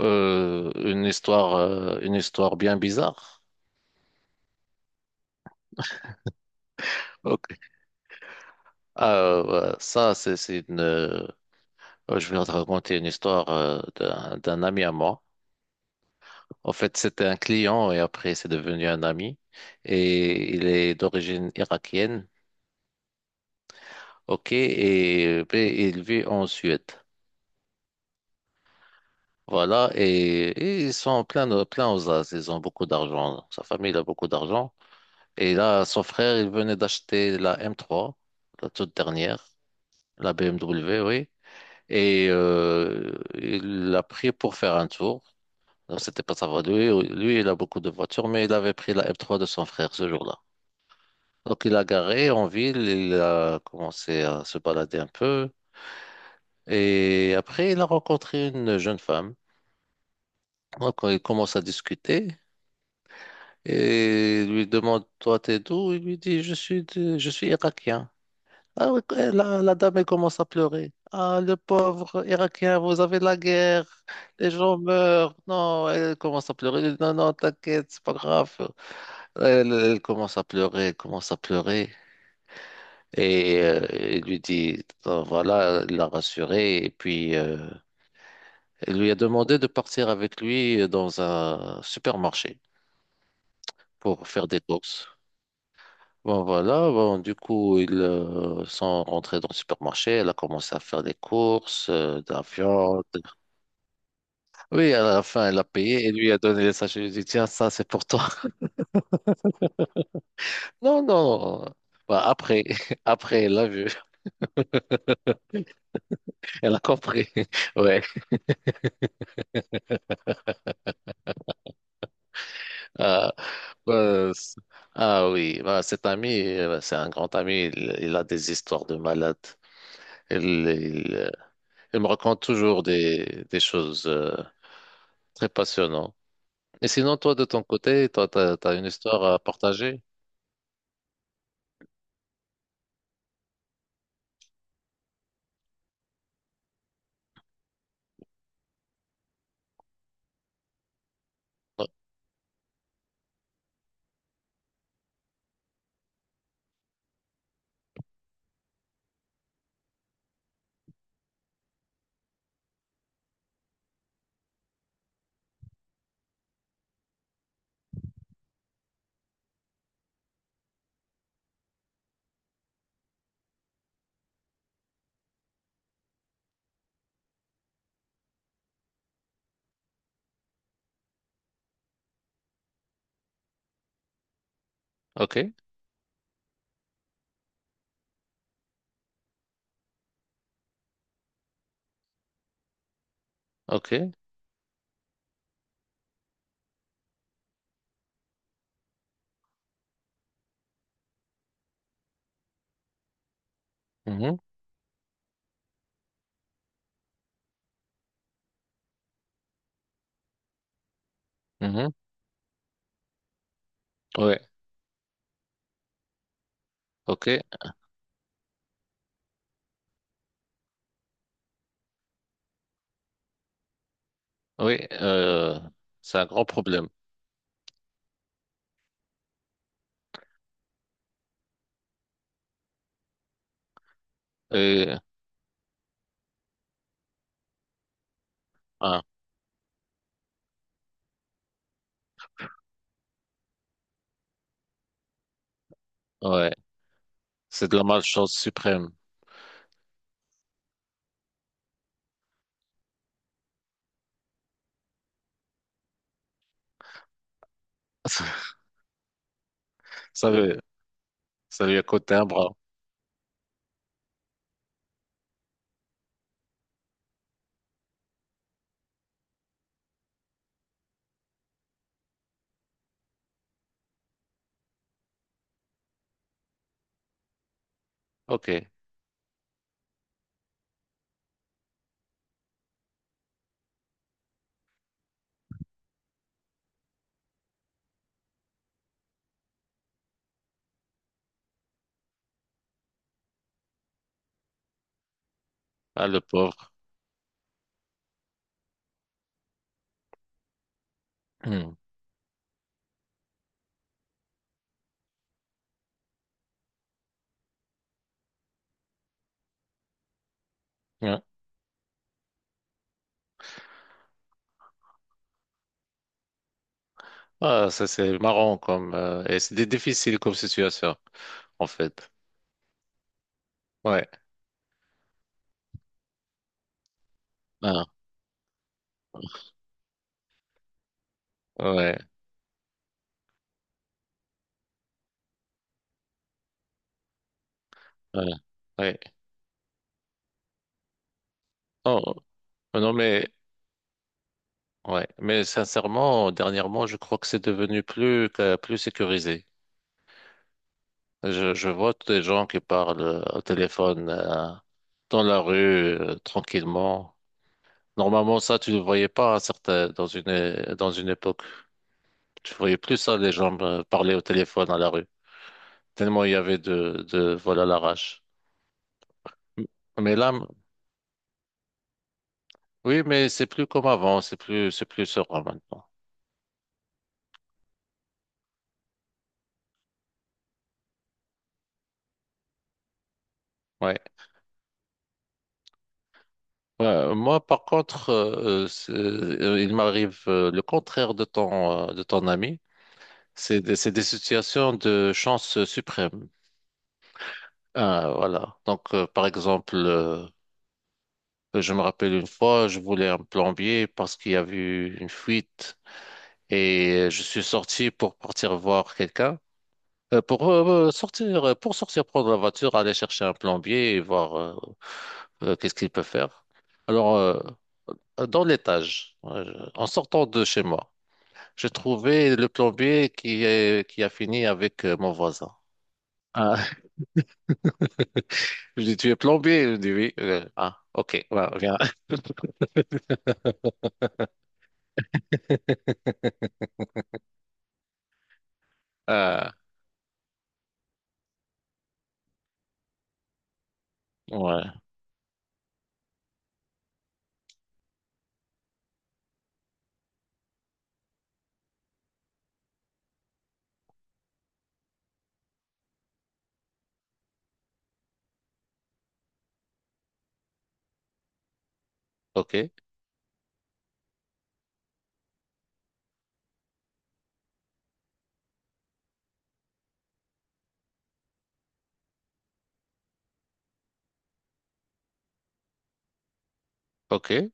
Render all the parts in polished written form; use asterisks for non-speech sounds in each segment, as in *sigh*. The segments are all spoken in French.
Une histoire, une histoire bien bizarre. Ok. Ah ouais, ça, c'est une, je vais te raconter une histoire d'un ami à moi. En fait, c'était un client et après, c'est devenu un ami. Et il est d'origine irakienne. Ok. Et, ben, il vit en Suède. Voilà. Et ils sont plein, plein aux as. Ils ont beaucoup d'argent. Sa famille a beaucoup d'argent. Et là, son frère, il venait d'acheter la M3, la toute dernière. La BMW, oui. Et il l'a pris pour faire un tour. Alors, c'était pas sa voie. Lui, il a beaucoup de voitures, mais il avait pris la M3 de son frère ce jour-là. Donc, il a garé en ville, il a commencé à se balader un peu. Et après, il a rencontré une jeune femme. Donc, il commence à discuter et il lui demande, toi, t'es d'où? Il lui dit, je suis, je suis irakien. Ah oui, eh, la dame elle commence à pleurer. Ah, le pauvre Irakien, vous avez la guerre, les gens meurent. Non, elle commence à pleurer. Non, non, t'inquiète, c'est pas grave. Elle, elle commence à pleurer, elle commence à pleurer. Et il lui dit, ah, voilà, il l'a rassurée. Et puis, elle lui a demandé de partir avec lui dans un supermarché pour faire des courses. Bon, voilà, bon, du coup, ils sont rentrés dans le supermarché, elle a commencé à faire des courses, de la viande. Oui, à la fin, elle a payé et lui a donné les sachets. Je lui ai dit, tiens, ça, c'est pour toi. *laughs* Non, non. Bah, après, *laughs* après, elle l'a vu. *laughs* Elle a compris. *laughs* Ouais. Euh, Bah, ah oui, bah, cet ami, c'est un grand ami, il a des histoires de malade. Il, il, euh, il me raconte toujours des choses très passionnantes. Et sinon, toi, de ton côté, toi, t'as une histoire à partager? Ouais. Ok, ok, mhm, mhm. Ouais, ok, oui, c'est un grand problème. Et, ah, ouais, c'est de la malchance suprême. *laughs* Ça lui, ça lui a coûté un bras. Ok, ah, le pauvre. Hmm. Ouais. Ah, ça, c'est marrant comme, et c'est difficile comme situation, en fait. Ouais, ah, ouais, ouais, ouais. Oh, non, mais, ouais, mais sincèrement, dernièrement, je crois que c'est devenu plus sécurisé. Je vois des gens qui parlent au téléphone dans la rue tranquillement. Normalement, ça, tu ne voyais pas à dans dans une époque. Tu voyais plus ça, les gens parler au téléphone à la rue. Tellement il y avait de vol à l'arrache. M- Mais là, oui, mais c'est plus comme avant. C'est plus serein maintenant. Ouais. Ouais, moi, par contre, il m'arrive le contraire de ton ami. C'est des situations de chance suprême. Ah, voilà. Donc, par exemple, je me rappelle une fois, je voulais un plombier parce qu'il y avait eu une fuite et je suis sorti pour partir voir quelqu'un. Pour sortir prendre la voiture, aller chercher un plombier et voir qu'est-ce qu'il peut faire. Alors, dans l'étage, en sortant de chez moi. J'ai trouvé le plombier qui a fini avec mon voisin. Ah, *laughs* je lui dis, tu es plombier? Il me dit, oui. Ah, ok, ouais, viens. *laughs* Euh, ouais, ok, ok.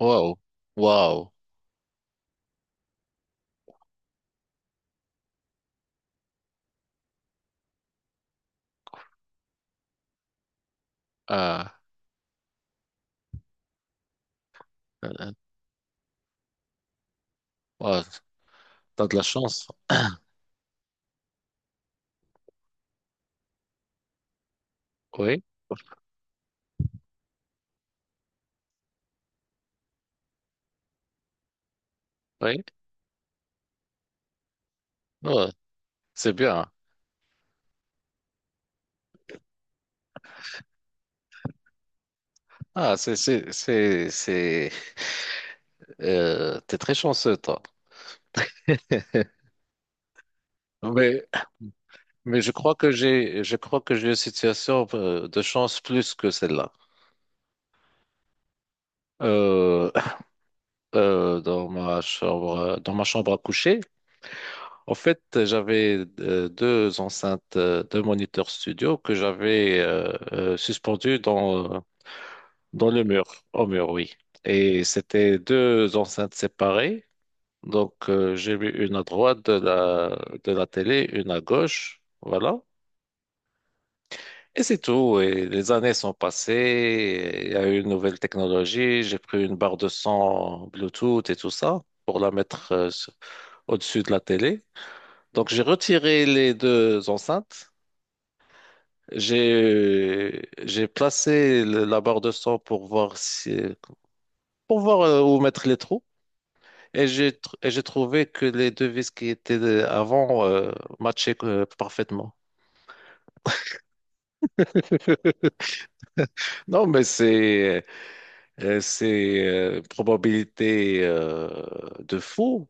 Waouh, waouh. Ah, euh, ouais, t'as de la chance. Oui, oui. Ouais, c'est bien. Ah, t'es très chanceux, toi. mais Mais je crois que j'ai une situation de chance plus que celle-là. Euh, *laughs* dans ma chambre à coucher, en fait, j'avais deux enceintes, deux moniteurs studio que j'avais suspendues dans le mur, au mur, oui. Et c'était deux enceintes séparées. Donc, j'ai mis une à droite de la télé, une à gauche, voilà. Et c'est tout. Et les années sont passées. Il y a eu une nouvelle technologie. J'ai pris une barre de son Bluetooth et tout ça pour la mettre au-dessus de la télé. Donc j'ai retiré les deux enceintes. J'ai placé la barre de son pour voir si pour voir où mettre les trous. Et j'ai trouvé que les deux vis qui étaient avant matchaient parfaitement. *laughs* Non, mais c'est probabilité de fou.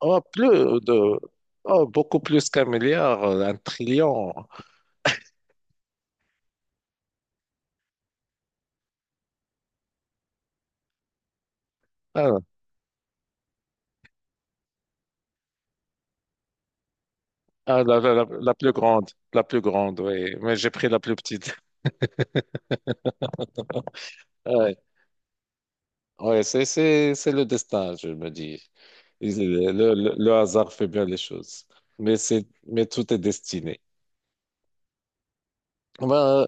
Oh, de, oh, beaucoup plus qu'un milliard, un trillion. Ah, ah, la plus grande, oui. Mais j'ai pris la plus petite. *laughs* Ouais, ouais, c'est le destin, je me dis. Le hasard fait bien les choses. Mais tout est destiné. Ben,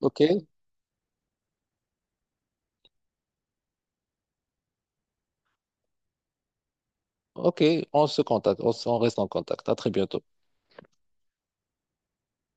ok, ok, on se contacte, on reste en contact. À très bientôt.